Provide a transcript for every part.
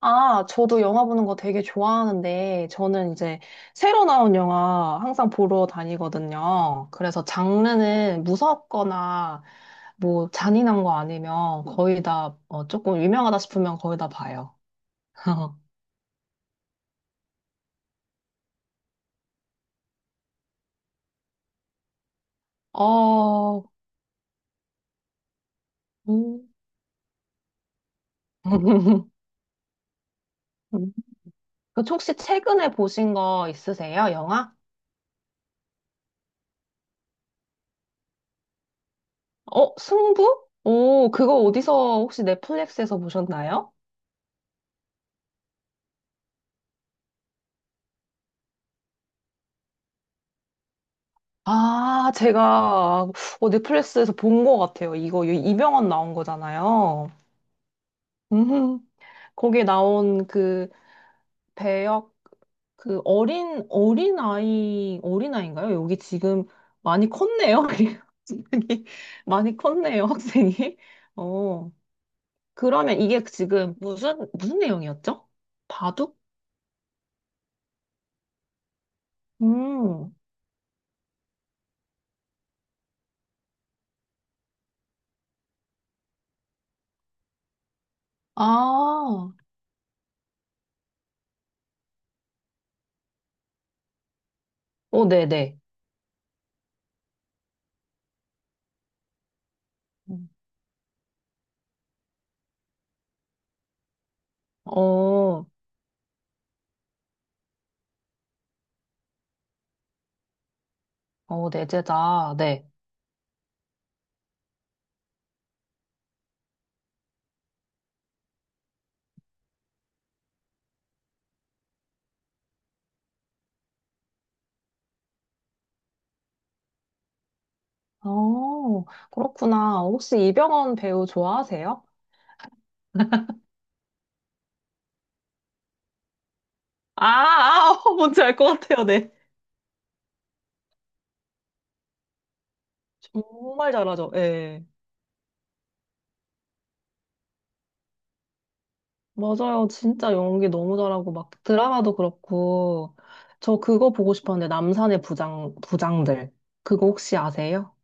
아, 저도 영화 보는 거 되게 좋아하는데, 저는 이제 새로 나온 영화 항상 보러 다니거든요. 그래서 장르는 무섭거나 뭐 잔인한 거 아니면 거의 다, 어, 조금 유명하다 싶으면 거의 다 봐요. 어, 음. 그 혹시 최근에 보신 거 있으세요? 영화? 어, 승부? 오, 그거 어디서 혹시 넷플릭스에서 보셨나요? 아, 제가 어, 넷플릭스에서 본 것 같아요. 이거 이병헌 나온 거잖아요. 음, 거기에 나온 그 배역 그 어린 아이 어린 아이인가요? 여기 지금 많이 컸네요. 그리고 학생이 많이 컸네요, 학생이. 어, 그러면 이게 지금 무슨 내용이었죠? 바둑? 음, 아, 오, 네네. 어, 어, 내재다. 네. 어, 그렇구나. 혹시 이병헌 배우 좋아하세요? 아, 아, 뭔지 알 것 같아요, 네. 정말 잘하죠, 예. 맞아요. 진짜 연기 너무 잘하고, 막 드라마도 그렇고. 저 그거 보고 싶었는데, 남산의 부장, 부장들. 그거 혹시 아세요?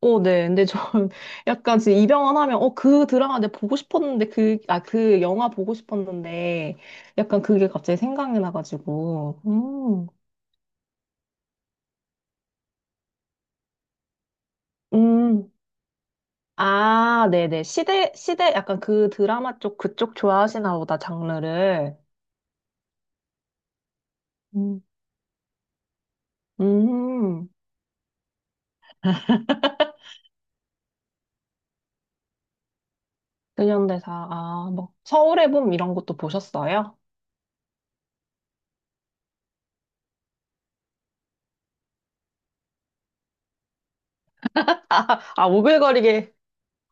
오, 네. 근데 저 약간 지금 이병헌 하면, 어, 그 드라마 내가 보고 싶었는데, 그, 아, 그 영화 보고 싶었는데, 약간 그게 갑자기 생각이 나가지고. 음. 음. 아, 네네. 시대, 시대, 약간 그 드라마 쪽, 그쪽 좋아하시나 보다, 장르를. 음. 음, 근현대사. 아, 뭐, 서울의 봄 이런 것도 보셨어요? 아, 오글거리게.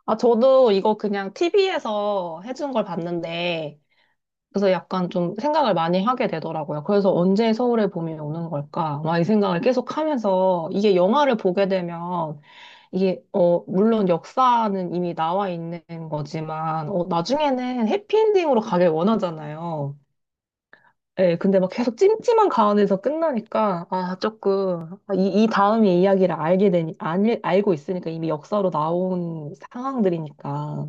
아, 저도 이거 그냥 TV에서 해준 걸 봤는데, 그래서 약간 좀 생각을 많이 하게 되더라고요. 그래서 언제 서울의 봄이 오는 걸까? 막 이 생각을 계속 하면서, 이게 영화를 보게 되면 이게, 어, 물론 역사는 이미 나와 있는 거지만, 어, 나중에는 해피엔딩으로 가길 원하잖아요. 예, 근데 막 계속 찜찜한 가운데서 끝나니까, 아, 조금, 아, 이, 이 다음의 이야기를 알게 되니, 알, 알고 있으니까 이미 역사로 나온 상황들이니까.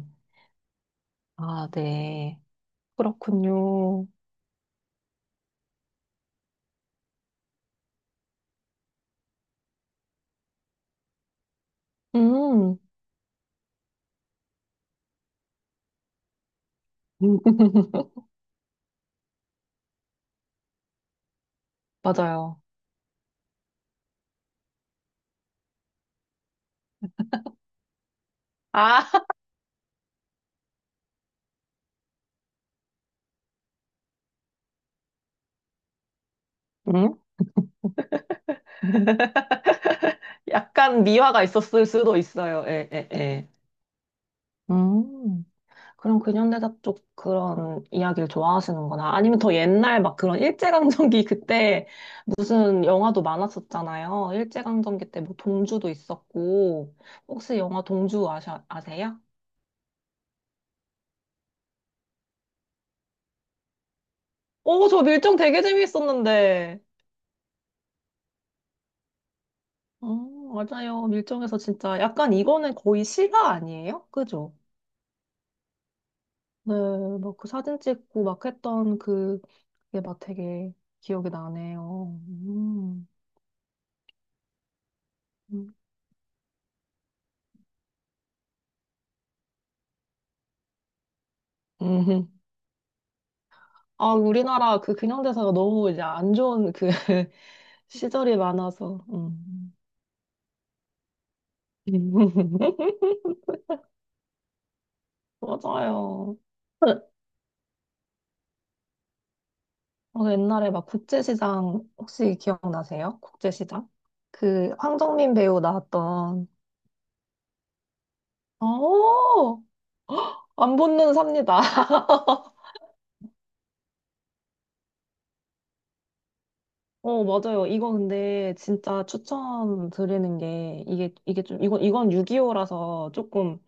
아, 네. 그렇군요. 음, 맞아요. 아, 음? 약간 미화가 있었을 수도 있어요. 예, 예, 예. 음. 그럼 근현대사 쪽 그런 이야기를 좋아하시는구나. 아니면 더 옛날 막 그런 일제강점기 그때 무슨 영화도 많았었잖아요. 일제강점기 때 뭐 동주도 있었고. 혹시 영화 동주 아셔, 아세요? 오, 저 밀정 되게 재밌었는데. 어, 맞아요. 밀정에서 진짜 약간 이거는 거의 실화 아니에요? 그죠? 네, 막 그 사진 찍고 막 했던 그, 그게 막 되게 기억이 나네요. 음. 음. 아, 우리나라 그 근현대사가 너무 이제 안 좋은 그 시절이 많아서. 음. 맞아요. 어, 옛날에 막 국제시장 혹시 기억나세요? 국제시장? 그 황정민 배우 나왔던 어, 안 붙는 삽니다. 어, 맞아요. 이거 근데 진짜 추천드리는 게 이게 좀 이건 6.25라서 조금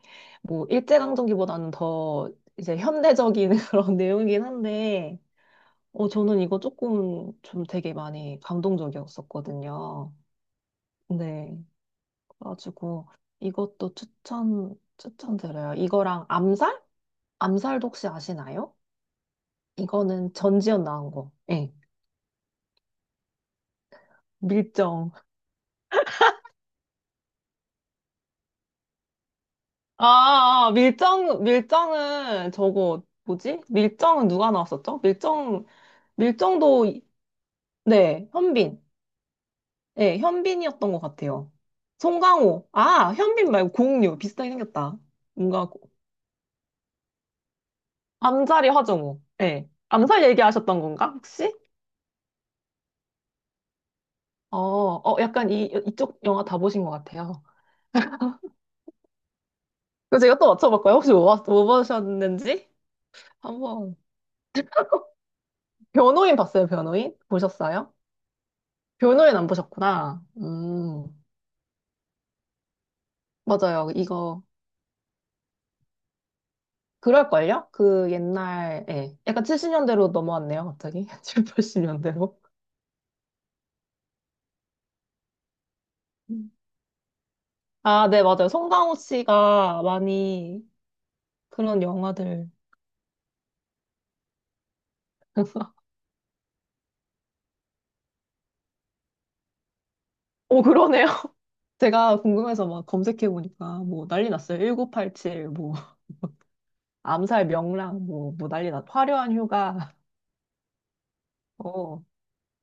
뭐 일제강점기보다는 더 이제 현대적인 그런 내용이긴 한데 어, 저는 이거 조금 좀 되게 많이 감동적이었었거든요. 네. 그래가지고 이것도 추천드려요. 이거랑 암살? 암살도 혹시 아시나요? 이거는 전지현 나온 거. 예. 밀정. 아, 아, 아. 밀정, 밀정은 저거, 뭐지? 밀정은 누가 나왔었죠? 밀정, 밀정도, 이- 네, 현빈. 네 현빈이었던 것 같아요. 송강호. 아, 현빈 말고 공유. 비슷하게 생겼다. 뭔가 암살이 화정우. 예. 암살 얘기하셨던 건가, 혹시? 어, 어, 약간 이, 이쪽 영화 다 보신 것 같아요. 그래서 제가 또 맞춰볼까요? 혹시 뭐, 봤- 뭐 보셨는지? 한번. 변호인 봤어요, 변호인? 보셨어요? 변호인 안 보셨구나. 맞아요. 이거, 그럴걸요? 그 옛날, 예. 약간 70년대로 넘어왔네요, 갑자기. 70, 80년대로. 아, 네, 맞아요. 송강호 씨가 많이 그런 영화들. 오, 그러네요. 제가 궁금해서 막 검색해보니까 뭐 난리 났어요. 1987, 뭐, 암살 명랑, 뭐, 뭐 난리 났, 화려한 휴가. 어,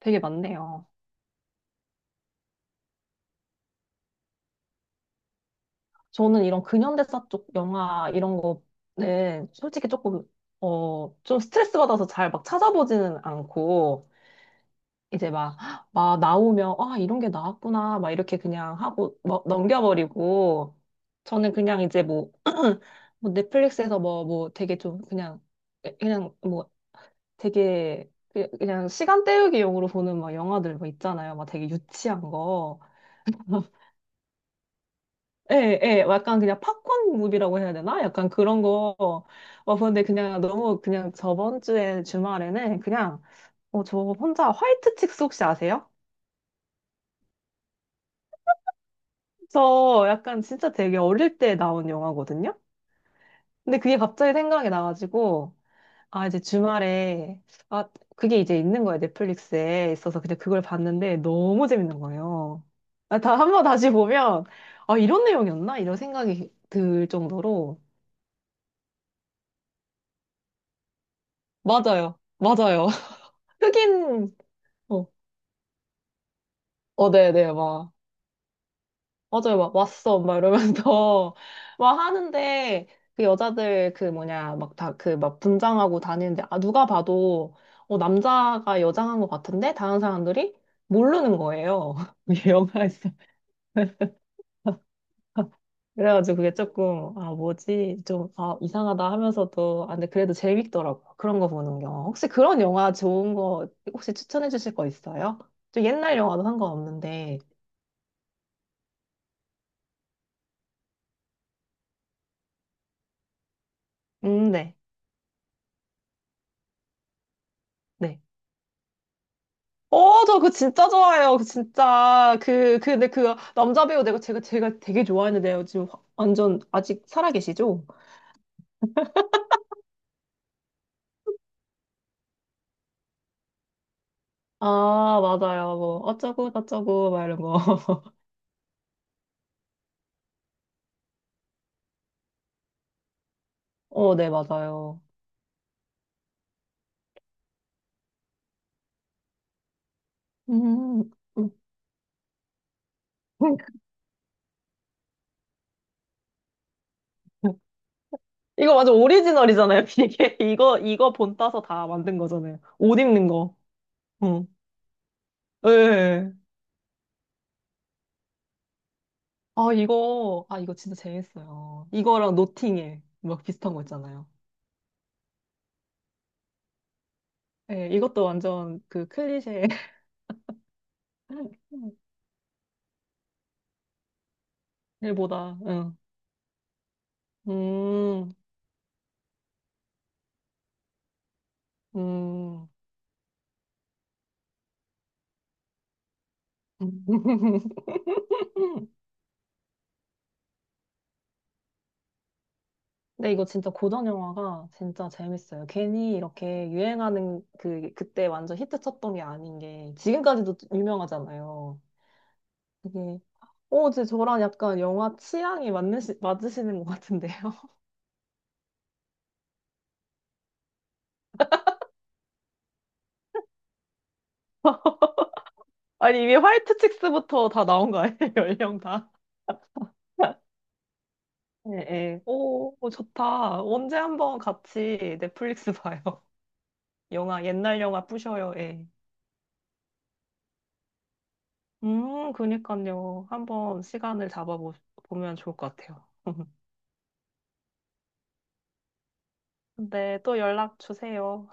되게 많네요. 저는 이런 근현대사 쪽 영화 이런 거는 솔직히 조금, 어, 좀 스트레스 받아서 잘 막 찾아보지는 않고, 이제 막, 막 나오면, 아, 이런 게 나왔구나, 막 이렇게 그냥 하고, 막 넘겨버리고, 저는 그냥 이제 뭐, 뭐 넷플릭스에서 뭐, 뭐 되게 좀 그냥, 그냥 뭐 되게 그- 그냥 시간 때우기용으로 보는 막 영화들 뭐 있잖아요. 막 되게 유치한 거. 예, 예, 약간 그냥 팝콘 무비라고 해야 되나? 약간 그런 거. 어, 근데 그냥 너무 그냥 저번 주에 주말에는 그냥, 어, 저 혼자 화이트 칙스 혹시 아세요? 저 약간 진짜 되게 어릴 때 나온 영화거든요? 근데 그게 갑자기 생각이 나가지고, 아, 이제 주말에, 아, 그게 이제 있는 거예요. 넷플릭스에 있어서 그냥 그걸 봤는데 너무 재밌는 거예요. 아, 다, 한번 다시 보면, 아, 이런 내용이었나? 이런 생각이 들 정도로. 맞아요. 맞아요. 흑인, 어, 어, 네네, 막, 맞아요, 막, 왔어, 막 이러면서, 막 하는데, 그 여자들, 그 뭐냐, 막 다, 그 막 분장하고 다니는데, 아, 누가 봐도, 어, 남자가 여장한 것 같은데? 다른 사람들이? 모르는 거예요. 이 영화에서. 그래가지고 그게 조금, 아, 뭐지? 좀, 아, 이상하다 하면서도, 아, 근데 그래도 재밌더라고 그런 거 보는 게. 혹시 그런 영화 좋은 거, 혹시 추천해 주실 거 있어요? 좀 옛날 영화도 상관없는데. 네. 네. 어, 저 그거 진짜 좋아해요. 그 진짜. 그, 그, 근데 그 남자 배우 내가 제가, 제가 되게 좋아하는데요. 지금 확- 완전 아직 살아계시죠? 아, 맞아요. 뭐, 어쩌고 저쩌고, 막 이런 거. 어, 네, 맞아요. 음. 음. 이거 완전 오리지널이잖아요, 이게. 이거, 이거 본 따서 다 만든 거잖아요. 옷 입는 거. 응. 예. 아, 이거, 아, 이거 진짜 재밌어요. 이거랑 노팅에 막 비슷한 거 있잖아요. 예, 이것도 완전 그 클리셰. 일보다, 응. 음, 음. 근데 이거 진짜 고전 영화가 진짜 재밌어요. 괜히 이렇게 유행하는 그, 그때 완전 히트 쳤던 게 아닌 게 지금까지도 유명하잖아요. 되게 오, 제 저랑 약간 영화 취향이 맞으시는 것 같은데요. 아니, 이미 화이트 칙스부터 다 나온 거 아니에요? 연령 다. 네, 네. 오, 오, 좋다. 언제 한번 같이 넷플릭스 봐요. 영화, 옛날 영화 뿌셔요. 예. 그니까요. 한번 시간을 잡아보면 좋을 것 같아요. 네, 또 연락 주세요.